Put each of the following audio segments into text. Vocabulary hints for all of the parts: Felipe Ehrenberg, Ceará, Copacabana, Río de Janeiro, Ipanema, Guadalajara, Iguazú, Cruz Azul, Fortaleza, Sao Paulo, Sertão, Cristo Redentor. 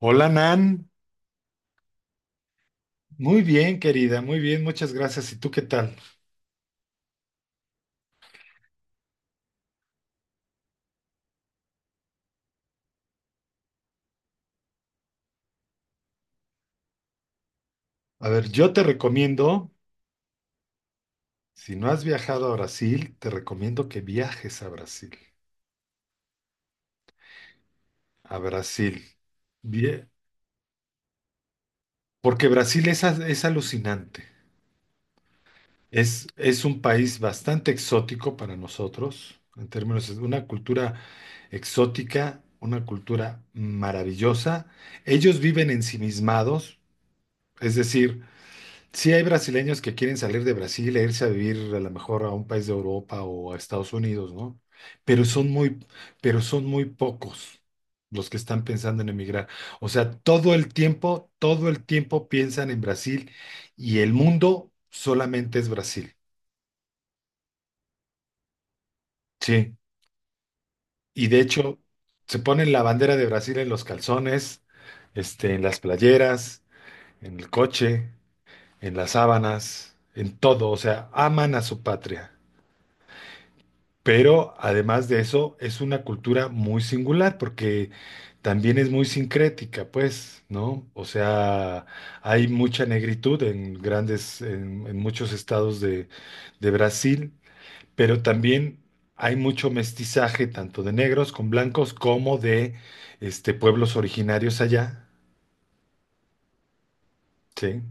Hola Nan, muy bien querida, muy bien, muchas gracias. ¿Y tú qué tal? A ver, yo te recomiendo, si no has viajado a Brasil, te recomiendo que viajes a Brasil. A Brasil. Bien. Porque Brasil es alucinante. Es un país bastante exótico para nosotros, en términos de una cultura exótica, una cultura maravillosa. Ellos viven ensimismados, es decir, sí, hay brasileños que quieren salir de Brasil e irse a vivir a lo mejor a un país de Europa o a Estados Unidos, ¿no? Pero son muy, pero son muy pocos los que están pensando en emigrar. O sea, todo el tiempo piensan en Brasil y el mundo solamente es Brasil. Sí. Y de hecho, se ponen la bandera de Brasil en los calzones, en las playeras, en el coche, en las sábanas, en todo. O sea, aman a su patria. Pero además de eso, es una cultura muy singular porque también es muy sincrética, pues, ¿no? O sea, hay mucha negritud en grandes, en muchos estados de Brasil, pero también hay mucho mestizaje, tanto de negros con blancos como de pueblos originarios allá, ¿sí?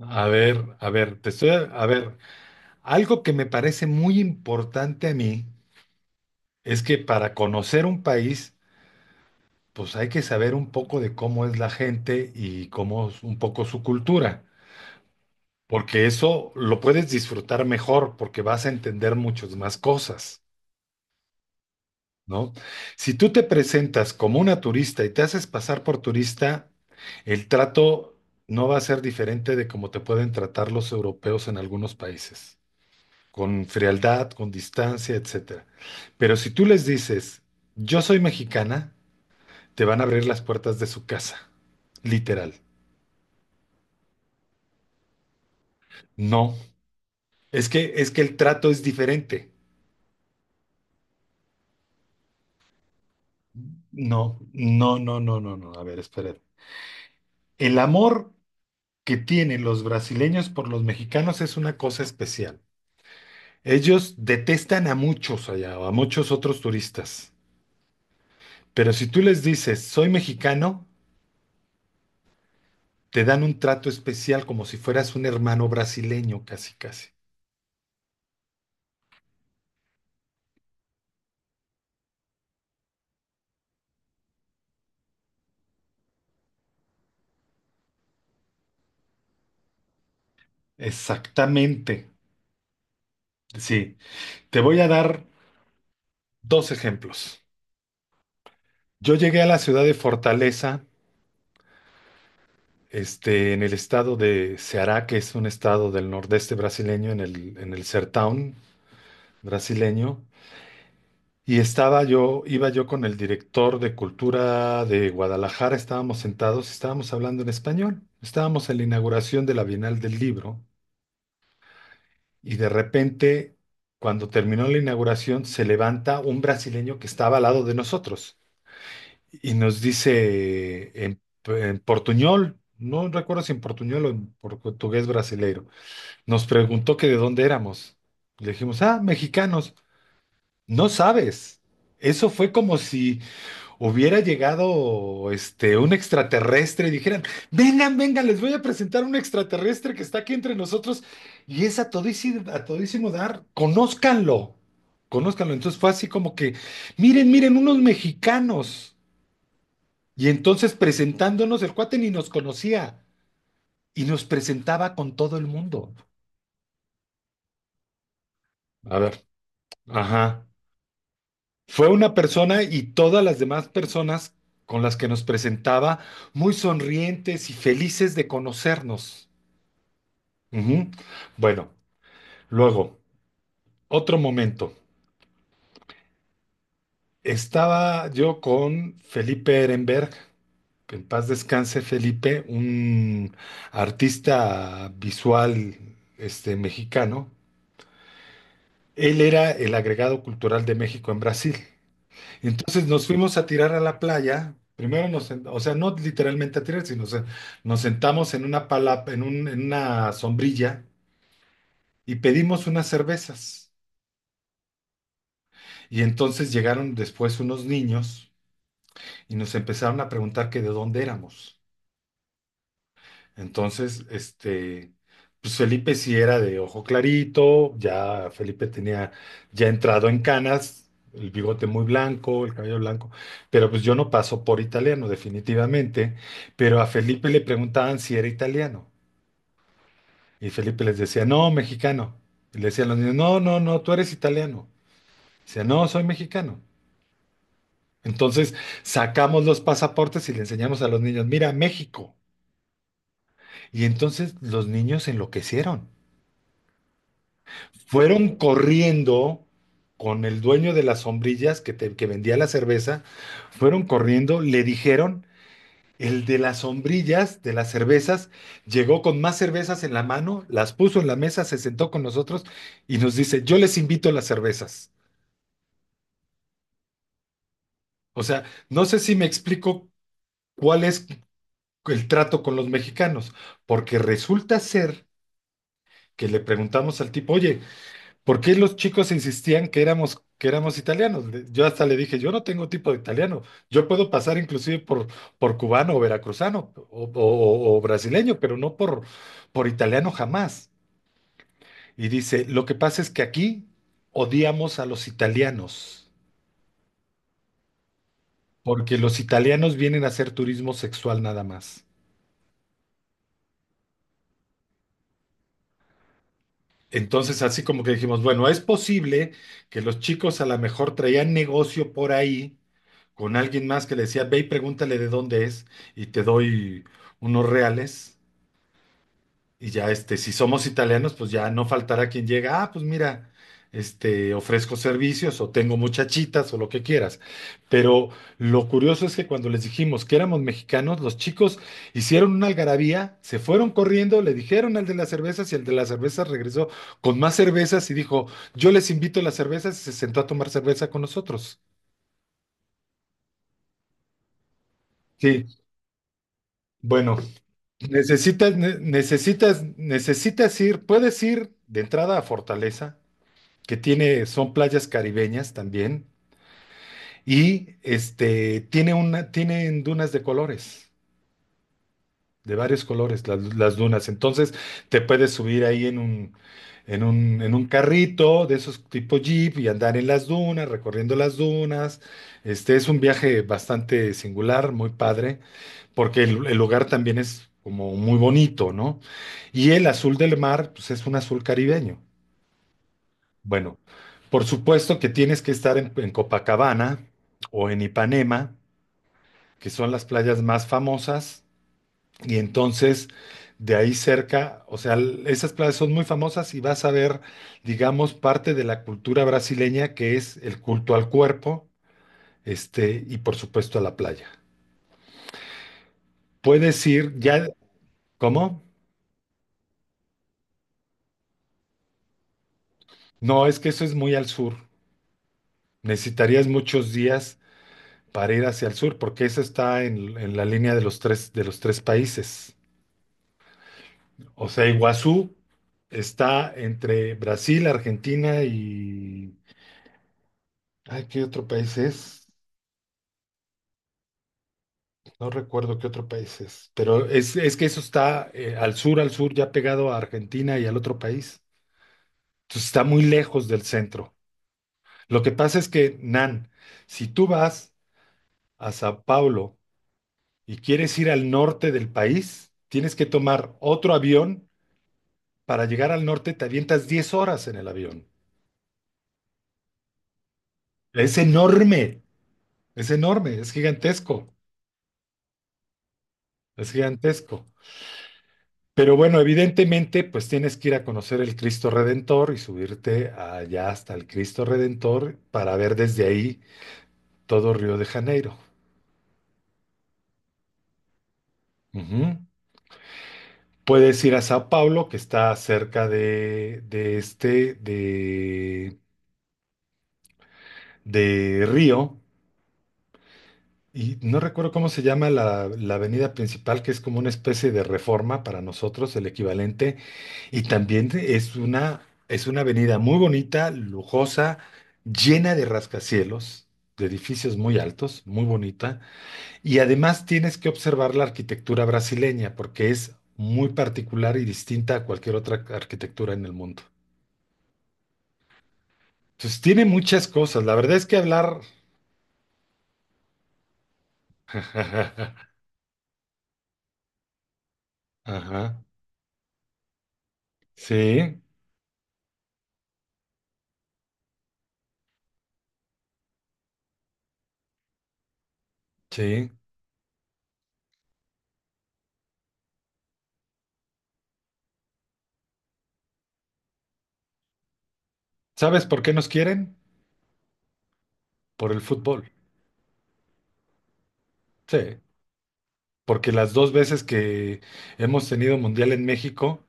A ver, a ver, a ver, algo que me parece muy importante a mí es que para conocer un país, pues hay que saber un poco de cómo es la gente y cómo es un poco su cultura, porque eso lo puedes disfrutar mejor porque vas a entender muchas más cosas, ¿no? Si tú te presentas como una turista y te haces pasar por turista, el trato no va a ser diferente de cómo te pueden tratar los europeos en algunos países, con frialdad, con distancia, etcétera. Pero si tú les dices, yo soy mexicana, te van a abrir las puertas de su casa, literal. No, es que el trato es diferente. No, no, no, no, no, no. A ver, espera. El amor que tienen los brasileños por los mexicanos es una cosa especial. Ellos detestan a muchos allá, o a muchos otros turistas. Pero si tú les dices, soy mexicano, te dan un trato especial como si fueras un hermano brasileño, casi, casi. Exactamente. Sí, te voy a dar dos ejemplos. Yo llegué a la ciudad de Fortaleza en el estado de Ceará, que es un estado del nordeste brasileño, en el Sertão brasileño. Y estaba yo, iba yo con el director de cultura de Guadalajara, estábamos sentados, estábamos hablando en español, estábamos en la inauguración de la Bienal del Libro y de repente, cuando terminó la inauguración, se levanta un brasileño que estaba al lado de nosotros y nos dice en, portuñol, no recuerdo si en portuñol o en portugués brasileiro. Nos preguntó que de dónde éramos. Le dijimos, ah, mexicanos. No sabes. Eso fue como si hubiera llegado un extraterrestre y dijeran, vengan, vengan, les voy a presentar un extraterrestre que está aquí entre nosotros y es a todísimo dar, conózcanlo, conózcanlo. Entonces fue así como que, miren, miren, unos mexicanos. Y entonces presentándonos, el cuate ni nos conocía y nos presentaba con todo el mundo. A ver, ajá. Fue una persona y todas las demás personas con las que nos presentaba muy sonrientes y felices de conocernos. Ujú. Bueno, luego, otro momento. Estaba yo con Felipe Ehrenberg, que en paz descanse Felipe, un artista visual mexicano. Él era el agregado cultural de México en Brasil. Entonces nos fuimos a tirar a la playa. Primero o sea, no literalmente a tirar, sino nos sentamos en una pala- en un- en una sombrilla y pedimos unas cervezas. Y entonces llegaron después unos niños y nos empezaron a preguntar que de dónde éramos. Entonces, pues Felipe sí era de ojo clarito, ya Felipe tenía ya entrado en canas, el bigote muy blanco, el cabello blanco, pero pues yo no paso por italiano definitivamente, pero a Felipe le preguntaban si era italiano y Felipe les decía, no, mexicano. Y le decían los niños, no, no, no, tú eres italiano. Decía no, soy mexicano. Entonces sacamos los pasaportes y le enseñamos a los niños, mira, México. Y entonces los niños enloquecieron. Fueron corriendo con el dueño de las sombrillas que, que vendía la cerveza, fueron corriendo, le dijeron, el de las sombrillas, de las cervezas, llegó con más cervezas en la mano, las puso en la mesa, se sentó con nosotros y nos dice, yo les invito las cervezas. O sea, no sé si me explico cuál es el trato con los mexicanos, porque resulta ser que le preguntamos al tipo, oye, ¿por qué los chicos insistían que éramos italianos? Yo hasta le dije, yo no tengo tipo de italiano, yo puedo pasar inclusive por cubano o veracruzano o brasileño, pero no por italiano jamás. Y dice, lo que pasa es que aquí odiamos a los italianos, porque los italianos vienen a hacer turismo sexual nada más. Entonces, así como que dijimos, bueno, es posible que los chicos a lo mejor traían negocio por ahí con alguien más que le decía, ve y pregúntale de dónde es y te doy unos reales y ya si somos italianos, pues ya no faltará quien llega, ah, pues mira, ofrezco servicios o tengo muchachitas o lo que quieras. Pero lo curioso es que cuando les dijimos que éramos mexicanos, los chicos hicieron una algarabía, se fueron corriendo, le dijeron al de las cervezas y el de las cervezas regresó con más cervezas y dijo, yo les invito las cervezas y se sentó a tomar cerveza con nosotros. Sí, bueno. Necesitas ir, puedes ir de entrada a Fortaleza, que tiene, son playas caribeñas también, y tiene una, tienen dunas de colores, de varios colores las dunas. Entonces te puedes subir ahí en un, en un carrito de esos tipo Jeep y andar en las dunas, recorriendo las dunas. Este es un viaje bastante singular, muy padre porque el lugar también es como muy bonito, ¿no? Y el azul del mar, pues es un azul caribeño. Bueno, por supuesto que tienes que estar en, Copacabana o en Ipanema, que son las playas más famosas, y entonces de ahí cerca, o sea, esas playas son muy famosas y vas a ver, digamos, parte de la cultura brasileña que es el culto al cuerpo, y por supuesto a la playa. Puedes ir ya, ¿cómo? No, es que eso es muy al sur. Necesitarías muchos días para ir hacia el sur, porque eso está en la línea de los tres países. O sea, Iguazú está entre Brasil, Argentina y... Ay, ¿qué otro país es? No recuerdo qué otro país es, pero es que eso está al sur, ya pegado a Argentina y al otro país. Entonces está muy lejos del centro. Lo que pasa es que, Nan, si tú vas a Sao Paulo, y quieres ir al norte del país, tienes que tomar otro avión. Para llegar al norte te avientas 10 horas en el avión. Es enorme, es enorme, es gigantesco, es gigantesco. Pero bueno, evidentemente, pues tienes que ir a conocer el Cristo Redentor y subirte allá hasta el Cristo Redentor para ver desde ahí todo Río de Janeiro. Ujú. Puedes ir a Sao Paulo, que está cerca de Río. Y no recuerdo cómo se llama la avenida principal, que es como una especie de reforma para nosotros, el equivalente. Y también es una avenida muy bonita, lujosa, llena de rascacielos, de edificios muy altos, muy bonita. Y además tienes que observar la arquitectura brasileña, porque es muy particular y distinta a cualquier otra arquitectura en el mundo. Entonces tiene muchas cosas. La verdad es que hablar... Ajá, sí, sí. ¿Sabes por qué nos quieren? Por el fútbol. Sí, porque las dos veces que hemos tenido mundial en México,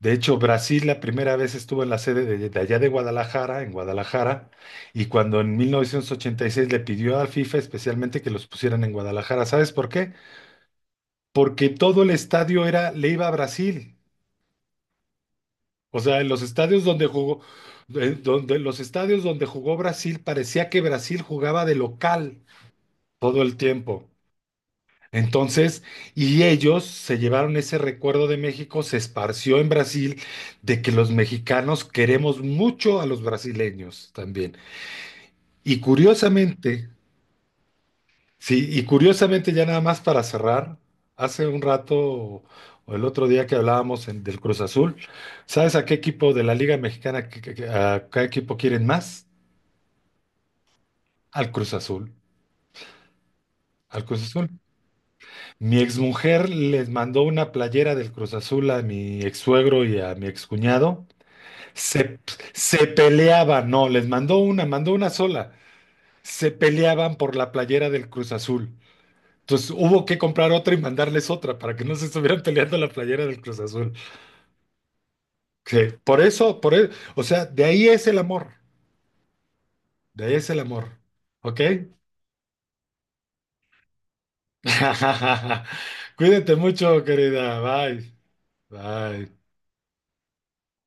de hecho Brasil la primera vez estuvo en la sede de allá de Guadalajara, en Guadalajara, y cuando en 1986 le pidió a FIFA especialmente que los pusieran en Guadalajara, ¿sabes por qué? Porque todo el estadio era, le iba a Brasil. O sea, en los estadios donde jugó, los estadios donde jugó Brasil parecía que Brasil jugaba de local todo el tiempo. Entonces, y ellos se llevaron ese recuerdo de México, se esparció en Brasil, de que los mexicanos queremos mucho a los brasileños también. Y curiosamente, sí, y curiosamente ya nada más para cerrar, hace un rato o el otro día que hablábamos del Cruz Azul, ¿sabes a qué equipo de la Liga Mexicana, a qué equipo quieren más? Al Cruz Azul, al Cruz Azul. Mi exmujer les mandó una playera del Cruz Azul a mi ex suegro y a mi excuñado. Se, se peleaban, no, les mandó una sola. Se peleaban por la playera del Cruz Azul. Entonces hubo que comprar otra y mandarles otra para que no se estuvieran peleando la playera del Cruz Azul. Sí, por eso, o sea, de ahí es el amor, de ahí es el amor. ¿Ok? Cuídate mucho, querida. Bye. Bye.